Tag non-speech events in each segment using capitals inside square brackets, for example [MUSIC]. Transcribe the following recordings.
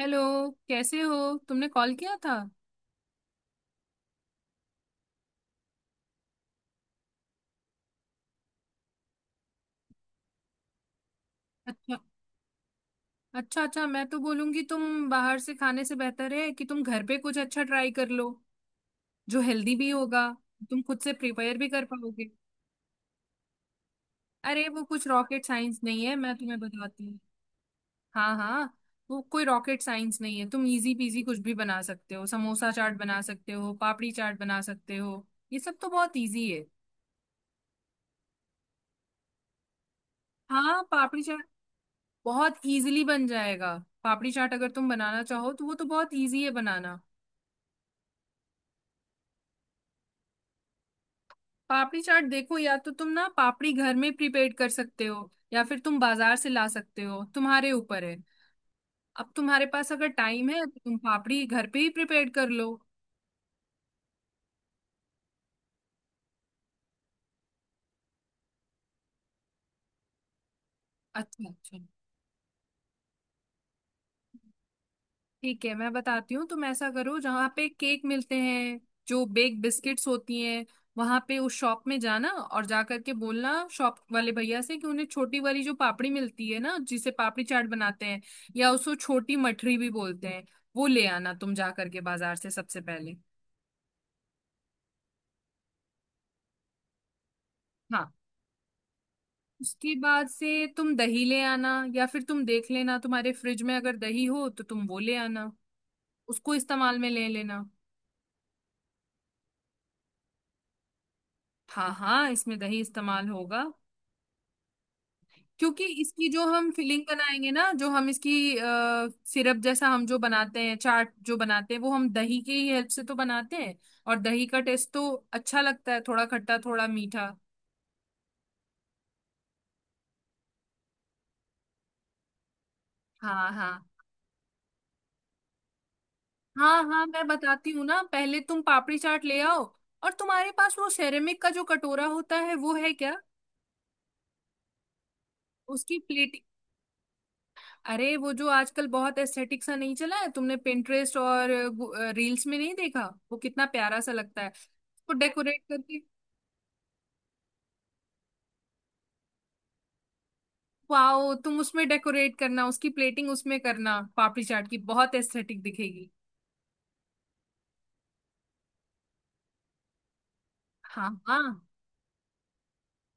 Hello. कैसे हो? तुमने कॉल किया था? अच्छा, अच्छा। अच्छा, मैं तो बोलूंगी तुम बाहर से खाने से बेहतर है कि तुम घर पे कुछ अच्छा ट्राई कर लो, जो हेल्दी भी होगा, तुम खुद से प्रिपेयर भी कर पाओगे। अरे वो कुछ रॉकेट साइंस नहीं है, मैं तुम्हें बताती हूँ। हाँ, हाँ। वो कोई रॉकेट साइंस नहीं है, तुम इजी पीजी कुछ भी बना सकते हो। समोसा चाट बना सकते हो, पापड़ी चाट बना सकते हो। ये सब तो बहुत इजी है। हाँ, पापड़ी चाट बहुत इजीली बन जाएगा। पापड़ी चाट अगर तुम बनाना चाहो तो वो तो बहुत इजी है बनाना। पापड़ी चाट देखो, या तो तुम ना पापड़ी घर में प्रिपेयर कर सकते हो या फिर तुम बाजार से ला सकते हो, तुम्हारे ऊपर है। अब तुम्हारे पास अगर टाइम है तो तुम पापड़ी घर पे ही प्रिपेयर कर लो। अच्छा, अच्छा, ठीक है, मैं बताती हूँ। तुम ऐसा करो, जहाँ पे केक मिलते हैं, जो बेक बिस्किट्स होती हैं, वहां पे उस शॉप में जाना और जा करके बोलना शॉप वाले भैया से कि उन्हें छोटी वाली जो पापड़ी मिलती है ना जिसे पापड़ी चाट बनाते हैं, या उसको छोटी मठरी भी बोलते हैं, वो ले आना, तुम जा करके बाजार से सबसे पहले। हाँ। उसके बाद से तुम दही ले आना, या फिर तुम देख लेना तुम्हारे फ्रिज में अगर दही हो तो तुम वो ले आना, उसको इस्तेमाल में ले लेना। हाँ, हाँ, इसमें दही इस्तेमाल होगा। क्योंकि इसकी जो हम फिलिंग बनाएंगे ना, जो हम इसकी सिरप जैसा हम जो बनाते हैं, चाट जो बनाते हैं, वो हम दही के ही हेल्प से तो बनाते हैं। और दही का टेस्ट तो अच्छा लगता है, थोड़ा खट्टा थोड़ा मीठा। हाँ, हाँ, हाँ, हाँ, मैं बताती हूँ ना। पहले तुम पापड़ी चाट ले आओ। और तुम्हारे पास वो सेरेमिक का जो कटोरा होता है, वो है क्या? उसकी प्लेट। अरे वो जो आजकल बहुत एस्थेटिक सा नहीं चला है, तुमने पिंटरेस्ट और रील्स में नहीं देखा? वो कितना प्यारा सा लगता है उसको डेकोरेट करके। वाओ, तुम उसमें डेकोरेट करना, उसकी प्लेटिंग उसमें करना, पापड़ी चाट की बहुत एस्थेटिक दिखेगी। हाँ, हाँ।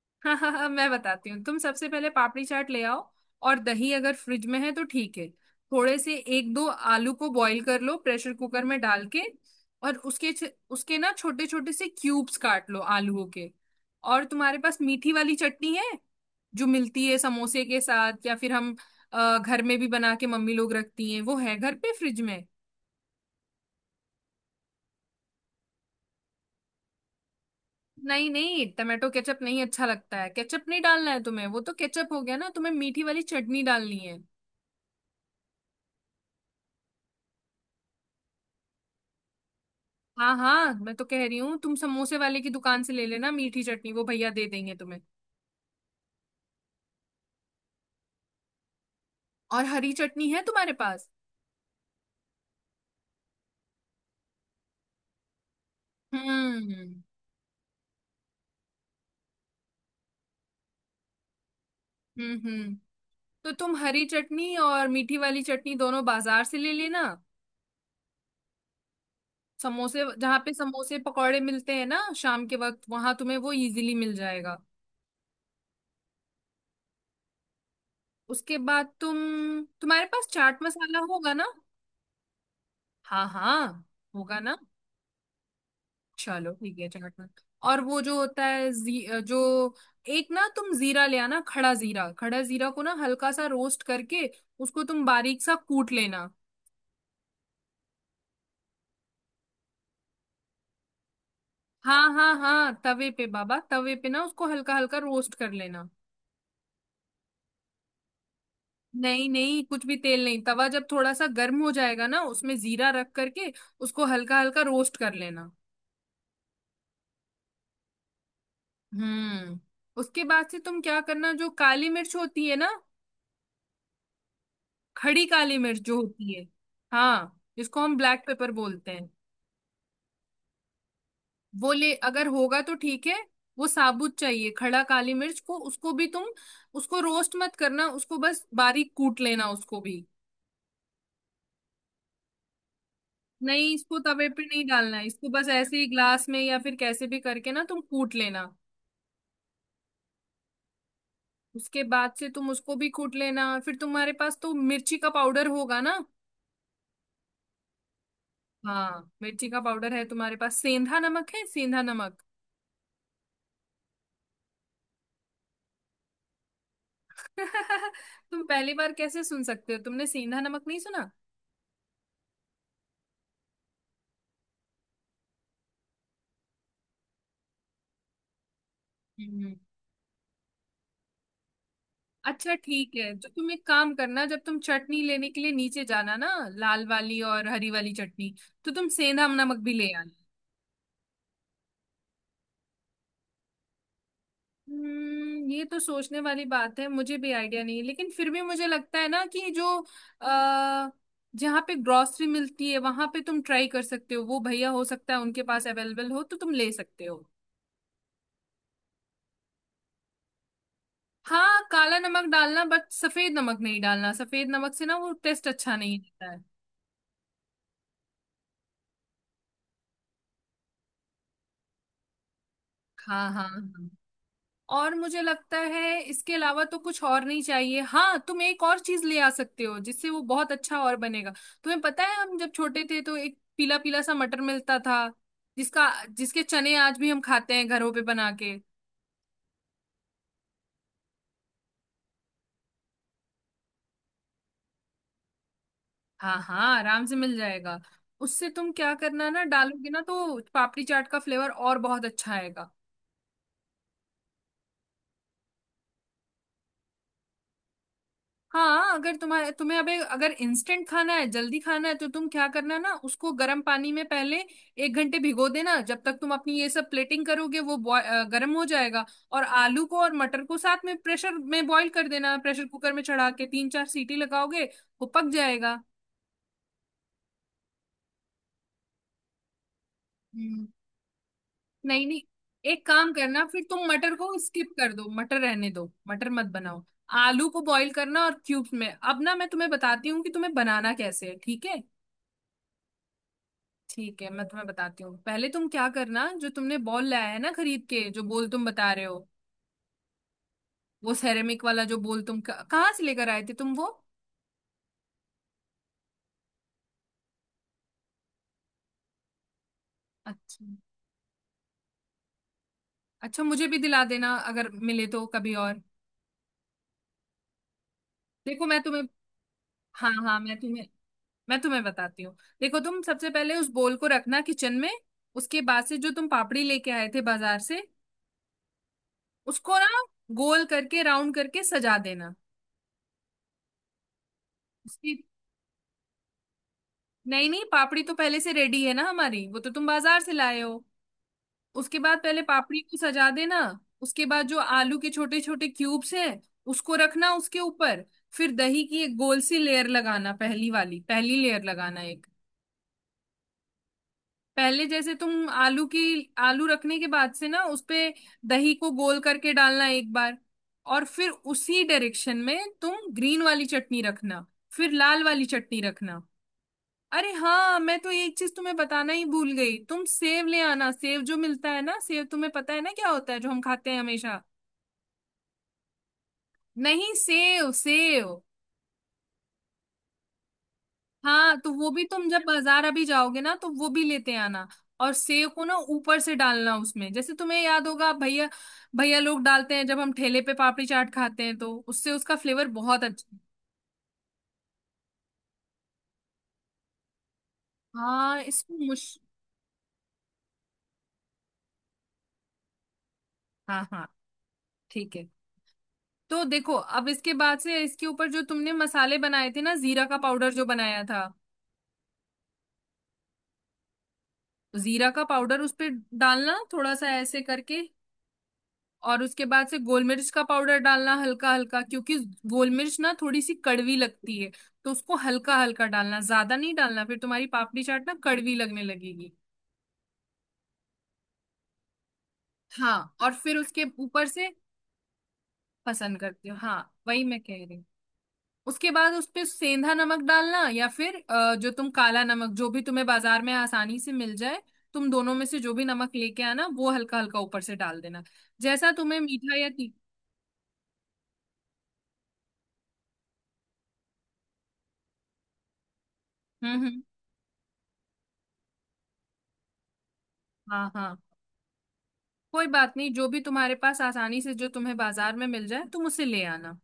[LAUGHS] हाँ, हाँ, हाँ, मैं बताती हूँ। तुम सबसे पहले पापड़ी चाट ले आओ। और दही अगर फ्रिज में है तो ठीक है। थोड़े से 1-2 आलू को बॉईल कर लो प्रेशर कुकर में डाल के। और उसके उसके ना छोटे छोटे से क्यूब्स काट लो आलूओं के। और तुम्हारे पास मीठी वाली चटनी है, जो मिलती है समोसे के साथ, या फिर हम घर में भी बना के मम्मी लोग रखती हैं, वो है घर पे फ्रिज में? नहीं, नहीं, टमाटो केचप नहीं अच्छा लगता है, केचप नहीं डालना है तुम्हें, वो तो केचप हो गया ना, तुम्हें मीठी वाली चटनी डालनी है। हाँ, हाँ, मैं तो कह रही हूँ तुम समोसे वाले की दुकान से ले लेना मीठी चटनी, वो भैया दे देंगे तुम्हें। और हरी चटनी है तुम्हारे पास? हम्म हम्म हम्म तो तुम हरी चटनी और मीठी वाली चटनी दोनों बाजार से ले लेना। समोसे, जहाँ पे समोसे पकौड़े मिलते हैं ना शाम के वक्त, वहां तुम्हें वो इजीली मिल जाएगा। उसके बाद तुम, तुम्हारे पास चाट मसाला होगा ना? हाँ, हाँ, होगा ना। चलो ठीक है, चाट मत और वो जो होता है जो, एक ना तुम जीरा ले आना, खड़ा जीरा, खड़ा जीरा को ना हल्का सा रोस्ट करके उसको तुम बारीक सा कूट लेना। हाँ, हाँ, हाँ, तवे पे बाबा, तवे पे ना उसको हल्का हल्का रोस्ट कर लेना। नहीं, नहीं, कुछ भी तेल नहीं, तवा जब थोड़ा सा गर्म हो जाएगा ना उसमें जीरा रख करके उसको हल्का हल्का रोस्ट कर लेना। हम्म उसके बाद से तुम क्या करना, जो काली मिर्च होती है ना, खड़ी काली मिर्च जो होती है, हाँ, जिसको हम ब्लैक पेपर बोलते हैं, वो ले अगर होगा तो ठीक है। वो साबुत चाहिए, खड़ा काली मिर्च को, उसको भी तुम, उसको रोस्ट मत करना, उसको बस बारीक कूट लेना उसको भी। नहीं, इसको तवे पे नहीं डालना है, इसको बस ऐसे ही ग्लास में या फिर कैसे भी करके ना तुम कूट लेना। उसके बाद से तुम उसको भी कूट लेना। फिर तुम्हारे पास तो मिर्ची का पाउडर होगा ना? हाँ, मिर्ची का पाउडर है तुम्हारे पास, सेंधा नमक है? सेंधा नमक। [LAUGHS] तुम पहली बार कैसे सुन सकते हो, तुमने सेंधा नमक नहीं सुना? हम्म अच्छा ठीक है, तो तुम एक काम करना, जब तुम चटनी लेने के लिए नीचे जाना ना, लाल वाली और हरी वाली चटनी, तो तुम सेंधा नमक भी ले आना। ये तो सोचने वाली बात है, मुझे भी आइडिया नहीं है, लेकिन फिर भी मुझे लगता है ना कि जो अः जहाँ पे ग्रोसरी मिलती है वहां पे तुम ट्राई कर सकते हो, वो भैया हो सकता है उनके पास अवेलेबल हो, तो तुम ले सकते हो। हाँ, काला नमक डालना बट सफेद नमक नहीं डालना, सफेद नमक से ना वो टेस्ट अच्छा नहीं रहता है। हाँ, हाँ, हाँ। और मुझे लगता है इसके अलावा तो कुछ और नहीं चाहिए। हाँ, तुम एक और चीज ले आ सकते हो जिससे वो बहुत अच्छा और बनेगा। तुम्हें पता है, हम जब छोटे थे तो एक पीला पीला सा मटर मिलता था, जिसका, जिसके चने आज भी हम खाते हैं घरों पे बना के। हाँ, हाँ, आराम से मिल जाएगा। उससे तुम क्या करना ना, डालोगे ना तो पापड़ी चाट का फ्लेवर और बहुत अच्छा आएगा। हाँ, अगर तुम्हारे तुम्हें अबे अगर इंस्टेंट खाना है, जल्दी खाना है, तो तुम क्या करना ना, उसको गर्म पानी में पहले 1 घंटे भिगो देना, जब तक तुम अपनी ये सब प्लेटिंग करोगे वो गर्म हो जाएगा। और आलू को और मटर को साथ में प्रेशर में बॉईल कर देना, प्रेशर कुकर में चढ़ा के 3-4 सीटी लगाओगे वो पक जाएगा। हम्म नहीं, नहीं, एक काम करना फिर, तुम मटर को स्किप कर दो, मटर रहने दो, मटर मत बनाओ। आलू को बॉईल करना और क्यूब्स में। अब ना मैं तुम्हें बताती हूँ कि तुम्हें बनाना कैसे है, ठीक है? ठीक है मैं तुम्हें बताती हूँ, पहले तुम क्या करना, जो तुमने बॉल लाया है ना खरीद के, जो बॉल तुम बता रहे हो, वो सेरेमिक वाला जो बॉल, तुम कहाँ से लेकर आए थे तुम वो? अच्छा, अच्छा, मुझे भी दिला देना अगर मिले तो कभी। और देखो मैं तुम्हें, हाँ, हाँ, मैं तुम्हें बताती हूँ। देखो तुम सबसे पहले उस बॉल को रखना किचन में। उसके बाद से जो तुम पापड़ी लेके आए थे बाजार से, उसको ना गोल करके, राउंड करके सजा देना। उसकी, नहीं, नहीं, पापड़ी तो पहले से रेडी है ना हमारी, वो तो तुम बाजार से लाए हो। उसके बाद पहले पापड़ी को सजा देना। उसके बाद जो आलू के छोटे छोटे क्यूब्स हैं, उसको रखना उसके ऊपर। फिर दही की एक गोल सी लेयर लगाना, पहली वाली, पहली लेयर लगाना एक। पहले जैसे तुम आलू की, आलू रखने के बाद से ना उसपे दही को गोल करके डालना एक बार। और फिर उसी डायरेक्शन में तुम ग्रीन वाली चटनी रखना। फिर लाल वाली चटनी रखना। अरे हाँ, मैं तो एक चीज तुम्हें बताना ही भूल गई, तुम सेव ले आना, सेव जो मिलता है ना, सेव, तुम्हें पता है ना क्या होता है, जो हम खाते हैं हमेशा। नहीं, सेव, सेव। हाँ, तो वो भी तुम जब बाजार अभी जाओगे ना, तो वो भी लेते आना। और सेव को ना ऊपर से डालना उसमें, जैसे तुम्हें याद होगा भैया, भैया लोग डालते हैं जब हम ठेले पे पापड़ी चाट खाते हैं, तो उससे उसका फ्लेवर बहुत अच्छा। हाँ, इसमें मुश, हाँ, हाँ, ठीक है। तो देखो अब इसके बाद से, इसके ऊपर जो तुमने मसाले बनाए थे ना, जीरा का पाउडर जो बनाया था, जीरा का पाउडर उस पे डालना थोड़ा सा ऐसे करके। और उसके बाद से गोल मिर्च का पाउडर डालना हल्का हल्का, क्योंकि गोल मिर्च ना थोड़ी सी कड़वी लगती है, तो उसको हल्का हल्का डालना, ज्यादा नहीं डालना, फिर तुम्हारी पापड़ी चाट ना कड़वी लगने लगेगी। हाँ, और फिर उसके ऊपर से, पसंद करती हो हाँ, वही मैं कह रही हूँ। उसके बाद उस पे सेंधा नमक डालना, या फिर जो तुम काला नमक, जो भी तुम्हें बाजार में आसानी से मिल जाए, तुम दोनों में से जो भी नमक लेके आना वो हल्का हल्का ऊपर से डाल देना, जैसा तुम्हें मीठा या तीखा। हम्म, हाँ, हाँ, कोई बात नहीं, जो भी तुम्हारे पास आसानी से, जो तुम्हें बाजार में मिल जाए तुम उसे ले आना।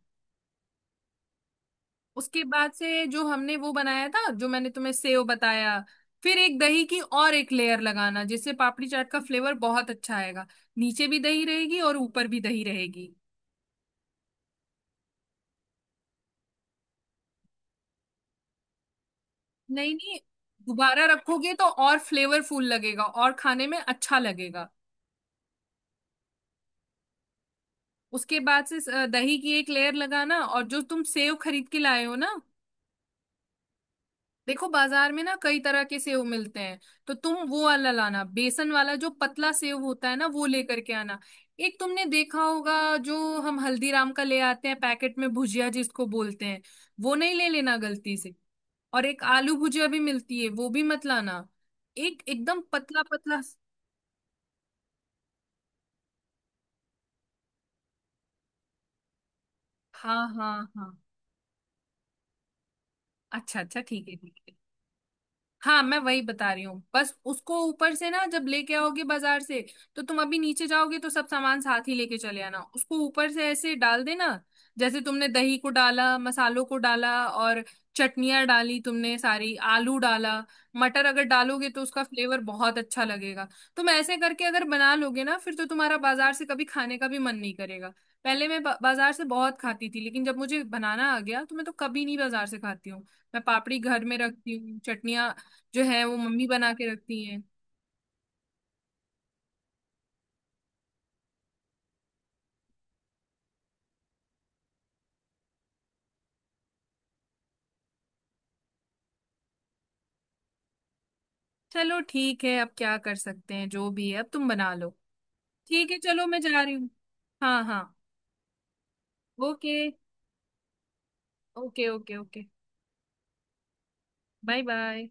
उसके बाद से जो हमने वो बनाया था, जो मैंने तुम्हें सेव बताया, फिर एक दही की और एक लेयर लगाना, जिससे पापड़ी चाट का फ्लेवर बहुत अच्छा आएगा। नीचे भी दही रहेगी और ऊपर भी दही रहेगी। नहीं, नहीं, दोबारा रखोगे तो और फ्लेवरफुल लगेगा और खाने में अच्छा लगेगा। उसके बाद से दही की एक लेयर लगाना। और जो तुम सेव खरीद के लाए हो ना, देखो बाजार में ना कई तरह के सेव मिलते हैं, तो तुम वो वाला लाना, बेसन वाला जो पतला सेव होता है ना, वो लेकर के आना। एक तुमने देखा होगा, जो हम हल्दीराम का ले आते हैं पैकेट में, भुजिया जिसको बोलते हैं, वो नहीं ले लेना गलती से। और एक आलू भुजिया भी मिलती है, वो भी मत लाना। एक एकदम पतला पतला। हाँ, हाँ, हाँ। अच्छा, अच्छा, ठीक है, ठीक है। हाँ, मैं वही बता रही हूँ, बस उसको ऊपर से ना जब लेके आओगे बाजार से, तो तुम अभी नीचे जाओगे तो सब सामान साथ ही लेके चले आना, उसको ऊपर से ऐसे डाल देना। जैसे तुमने दही को डाला, मसालों को डाला, और चटनियाँ डाली तुमने सारी, आलू डाला, मटर अगर डालोगे तो उसका फ्लेवर बहुत अच्छा लगेगा। तुम ऐसे करके अगर बना लोगे ना, फिर तो तुम्हारा बाजार से कभी खाने का भी मन नहीं करेगा। पहले मैं बाजार से बहुत खाती थी, लेकिन जब मुझे बनाना आ गया तो मैं तो कभी नहीं बाजार से खाती हूँ। मैं पापड़ी घर में रखती हूँ, चटनियाँ जो है वो मम्मी बना के रखती हैं। चलो ठीक है, अब क्या कर सकते हैं, जो भी है अब तुम बना लो। ठीक है, चलो मैं जा रही हूँ। हाँ, हाँ। Okay, okay, okay. Okay, bye. Bye,